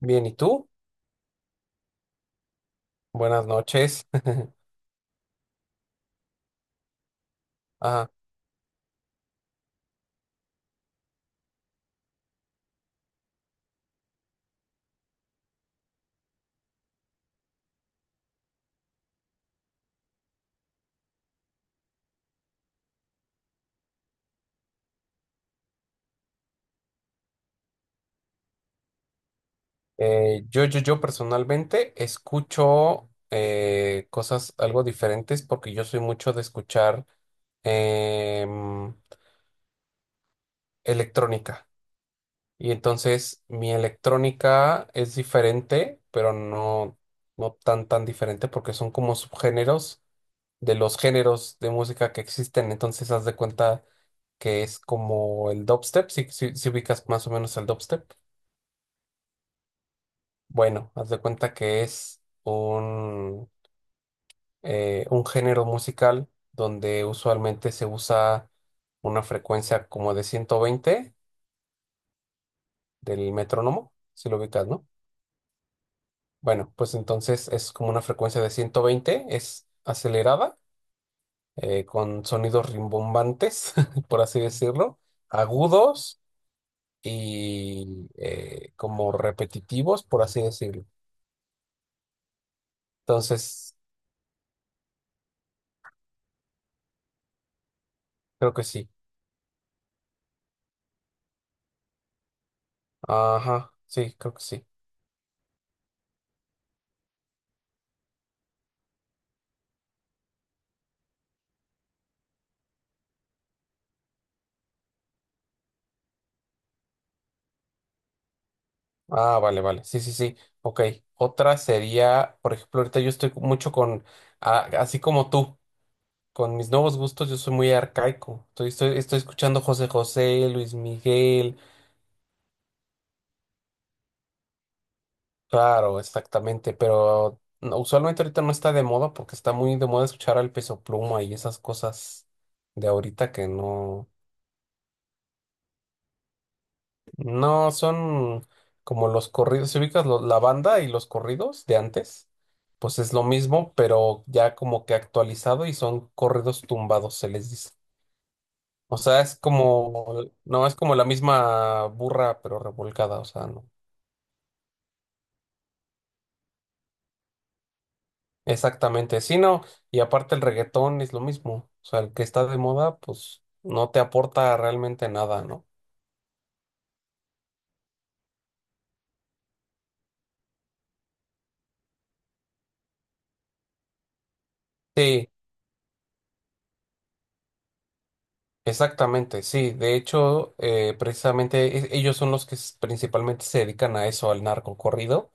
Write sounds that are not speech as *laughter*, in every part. Bien, ¿y tú? Buenas noches. *laughs* Ajá. Yo personalmente escucho cosas algo diferentes porque yo soy mucho de escuchar em, electrónica. Y entonces mi electrónica es diferente, pero no, no tan diferente porque son como subgéneros de los géneros de música que existen. Entonces, haz de cuenta que es como el dubstep, si ubicas más o menos el dubstep. Bueno, haz de cuenta que es un género musical donde usualmente se usa una frecuencia como de 120 del metrónomo, si lo ubicas, ¿no? Bueno, pues entonces es como una frecuencia de 120, es acelerada, con sonidos rimbombantes, *laughs* por así decirlo, agudos y como repetitivos, por así decirlo. Entonces, creo que sí. Ajá, sí, creo que sí. Ah, vale, vale. Sí, sí, sí. Ok. Otra sería, por ejemplo, ahorita yo estoy mucho así como tú, con mis nuevos gustos, yo soy muy arcaico. Estoy escuchando José José, Luis Miguel. Claro, exactamente. Pero no, usualmente ahorita no está de moda porque está muy de moda escuchar al Peso Pluma y esas cosas de ahorita que no. No, son como los corridos, si ubicas la banda y los corridos de antes, pues es lo mismo, pero ya como que actualizado y son corridos tumbados, se les dice. O sea, es como, no, es como la misma burra, pero revolcada, o sea, no. Exactamente, sí, no, y aparte el reggaetón es lo mismo, o sea, el que está de moda, pues no te aporta realmente nada, ¿no? Sí. Exactamente, sí. De hecho, precisamente ellos son los que principalmente se dedican a eso, al narco corrido,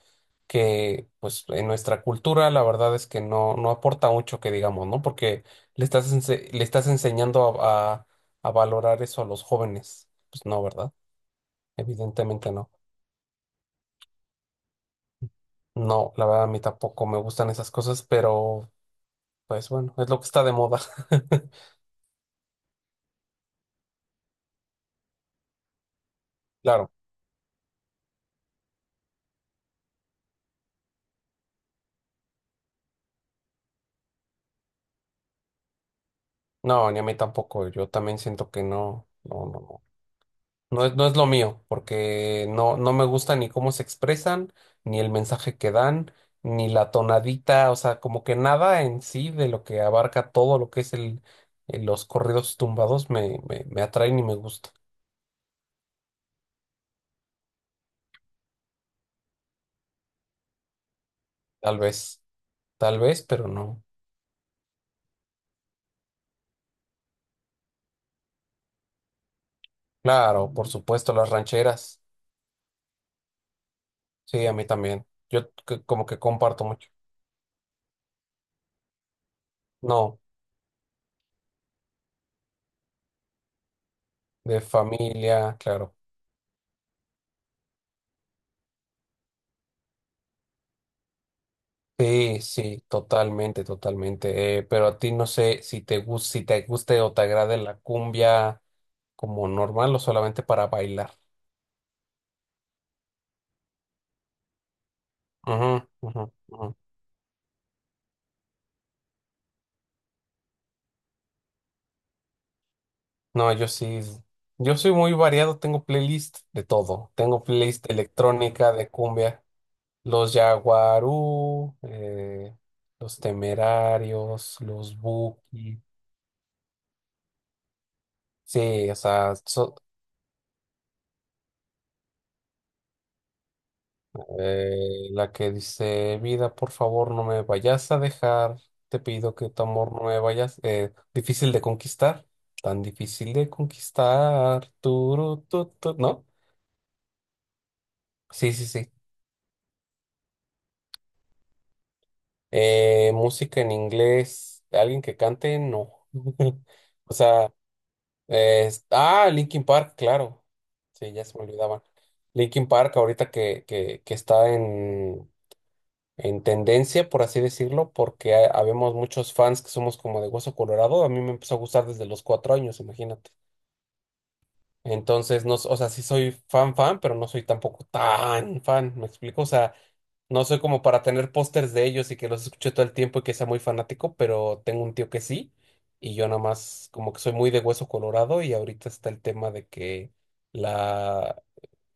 que pues en nuestra cultura la verdad es que no, no aporta mucho que digamos, ¿no? Porque le estás enseñando a valorar eso a los jóvenes. Pues no, ¿verdad? Evidentemente no. No, la verdad a mí tampoco me gustan esas cosas, pero pues bueno, es lo que está de moda. *laughs* Claro, no, ni a mí tampoco. Yo también siento que no, no, no. no. No es lo mío, porque no, no me gusta ni cómo se expresan, ni el mensaje que dan, ni la tonadita, o sea, como que nada en sí de lo que abarca todo lo que es los corridos tumbados me atraen y me gusta. Tal vez, tal vez, pero no. Claro, por supuesto, las rancheras. Sí, a mí también. Como que comparto mucho. No, de familia, claro. Sí, sí, totalmente, totalmente. Pero a ti no sé si te gusta, si te guste o te agrade la cumbia como normal o solamente para bailar. Ujú, ujú, ujú. No, yo sí, yo soy muy variado, tengo playlist de todo. Tengo playlist electrónica de cumbia, los Yaguarú, los Temerarios, los Buki. Sí, o sea, la que dice, vida, por favor, no me vayas a dejar, te pido que tu amor no me vayas, difícil de conquistar, tan difícil de conquistar, turu, tu", ¿no? Sí, sí, sí. Música en inglés, alguien que cante, no. *laughs* O sea, Linkin Park, claro. Sí, ya se me olvidaba. Linkin Park, ahorita que está en tendencia, por así decirlo, porque habemos muchos fans que somos como de hueso colorado. A mí me empezó a gustar desde los 4 años, imagínate. Entonces, no, o sea, sí soy fan, fan, pero no soy tampoco tan fan, ¿me explico? O sea, no soy como para tener pósters de ellos y que los escuche todo el tiempo y que sea muy fanático, pero tengo un tío que sí, y yo nada más como que soy muy de hueso colorado y ahorita está el tema de que la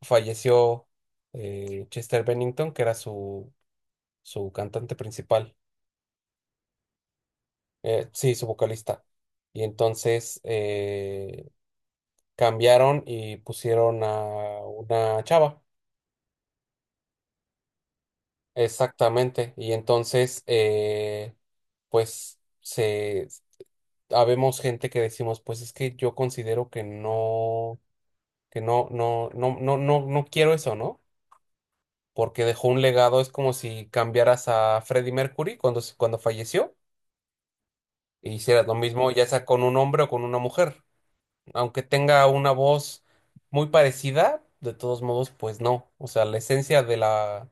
falleció Chester Bennington, que era su, su cantante principal. Sí, su vocalista. Y entonces cambiaron y pusieron a una chava. Exactamente. Y entonces, pues, se habemos gente que decimos, pues es que yo considero que no, no, no, no, no, no quiero eso, ¿no? Porque dejó un legado, es como si cambiaras a Freddie Mercury cuando falleció e hicieras lo mismo, ya sea con un hombre o con una mujer. Aunque tenga una voz muy parecida, de todos modos, pues no. O sea, la esencia de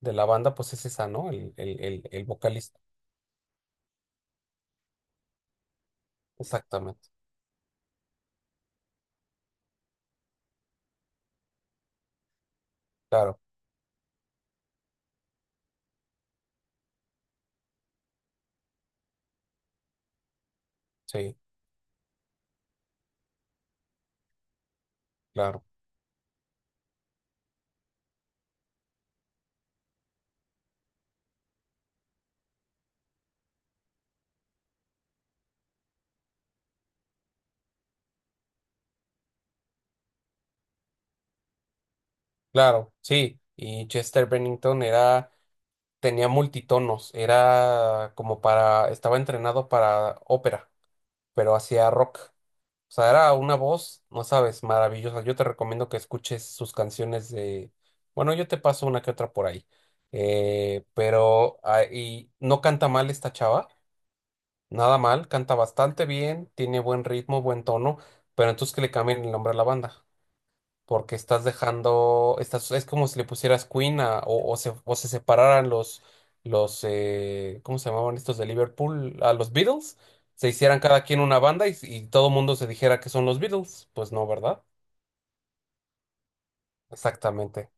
de la banda, pues es esa, ¿no? El vocalista. Exactamente. Claro, sí, claro, claro, sí. Y Chester Bennington era, tenía multitonos, era como para, estaba entrenado para ópera, pero hacía rock. O sea, era una voz, no sabes, maravillosa. Yo te recomiendo que escuches sus canciones de... Bueno, yo te paso una que otra por ahí. Pero y no canta mal esta chava, nada mal, canta bastante bien, tiene buen ritmo, buen tono, pero entonces que le cambien el nombre a la banda porque estás dejando, estás, es como si le pusieras Queen o se separaran los, los ¿cómo se llamaban estos de Liverpool? A los Beatles, se hicieran cada quien una banda y todo el mundo se dijera que son los Beatles, pues no, ¿verdad? Exactamente.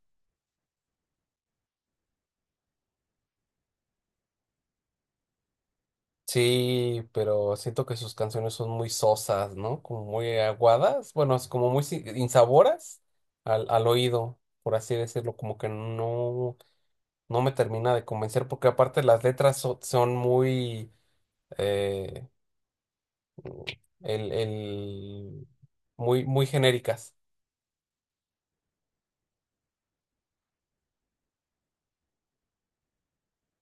Sí, pero siento que sus canciones son muy sosas, ¿no? Como muy aguadas, bueno, es como muy insaboras al oído, por así decirlo, como que no, no me termina de convencer, porque aparte las letras son muy eh, el, el- muy, muy genéricas.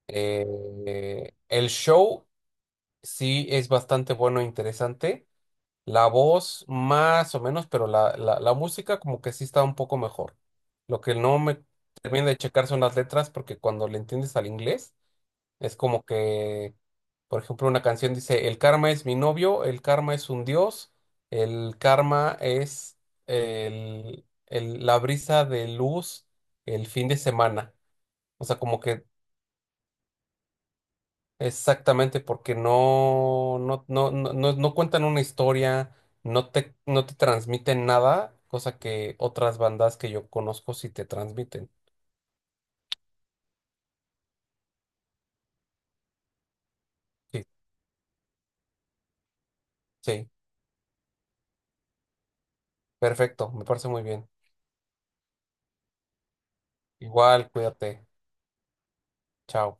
El show sí es bastante bueno e interesante. La voz más o menos, pero la música como que sí está un poco mejor. Lo que no me termina de checar son las letras, porque cuando le entiendes al inglés, es como que, por ejemplo, una canción dice, el karma es mi novio, el karma es un dios, el karma es la brisa de luz el fin de semana. O sea, como que exactamente porque no, no, no, no, no cuentan una historia, no te, no te transmiten nada, cosa que otras bandas que yo conozco sí te transmiten. Sí, sí, perfecto, me parece muy bien. Igual, cuídate, chao.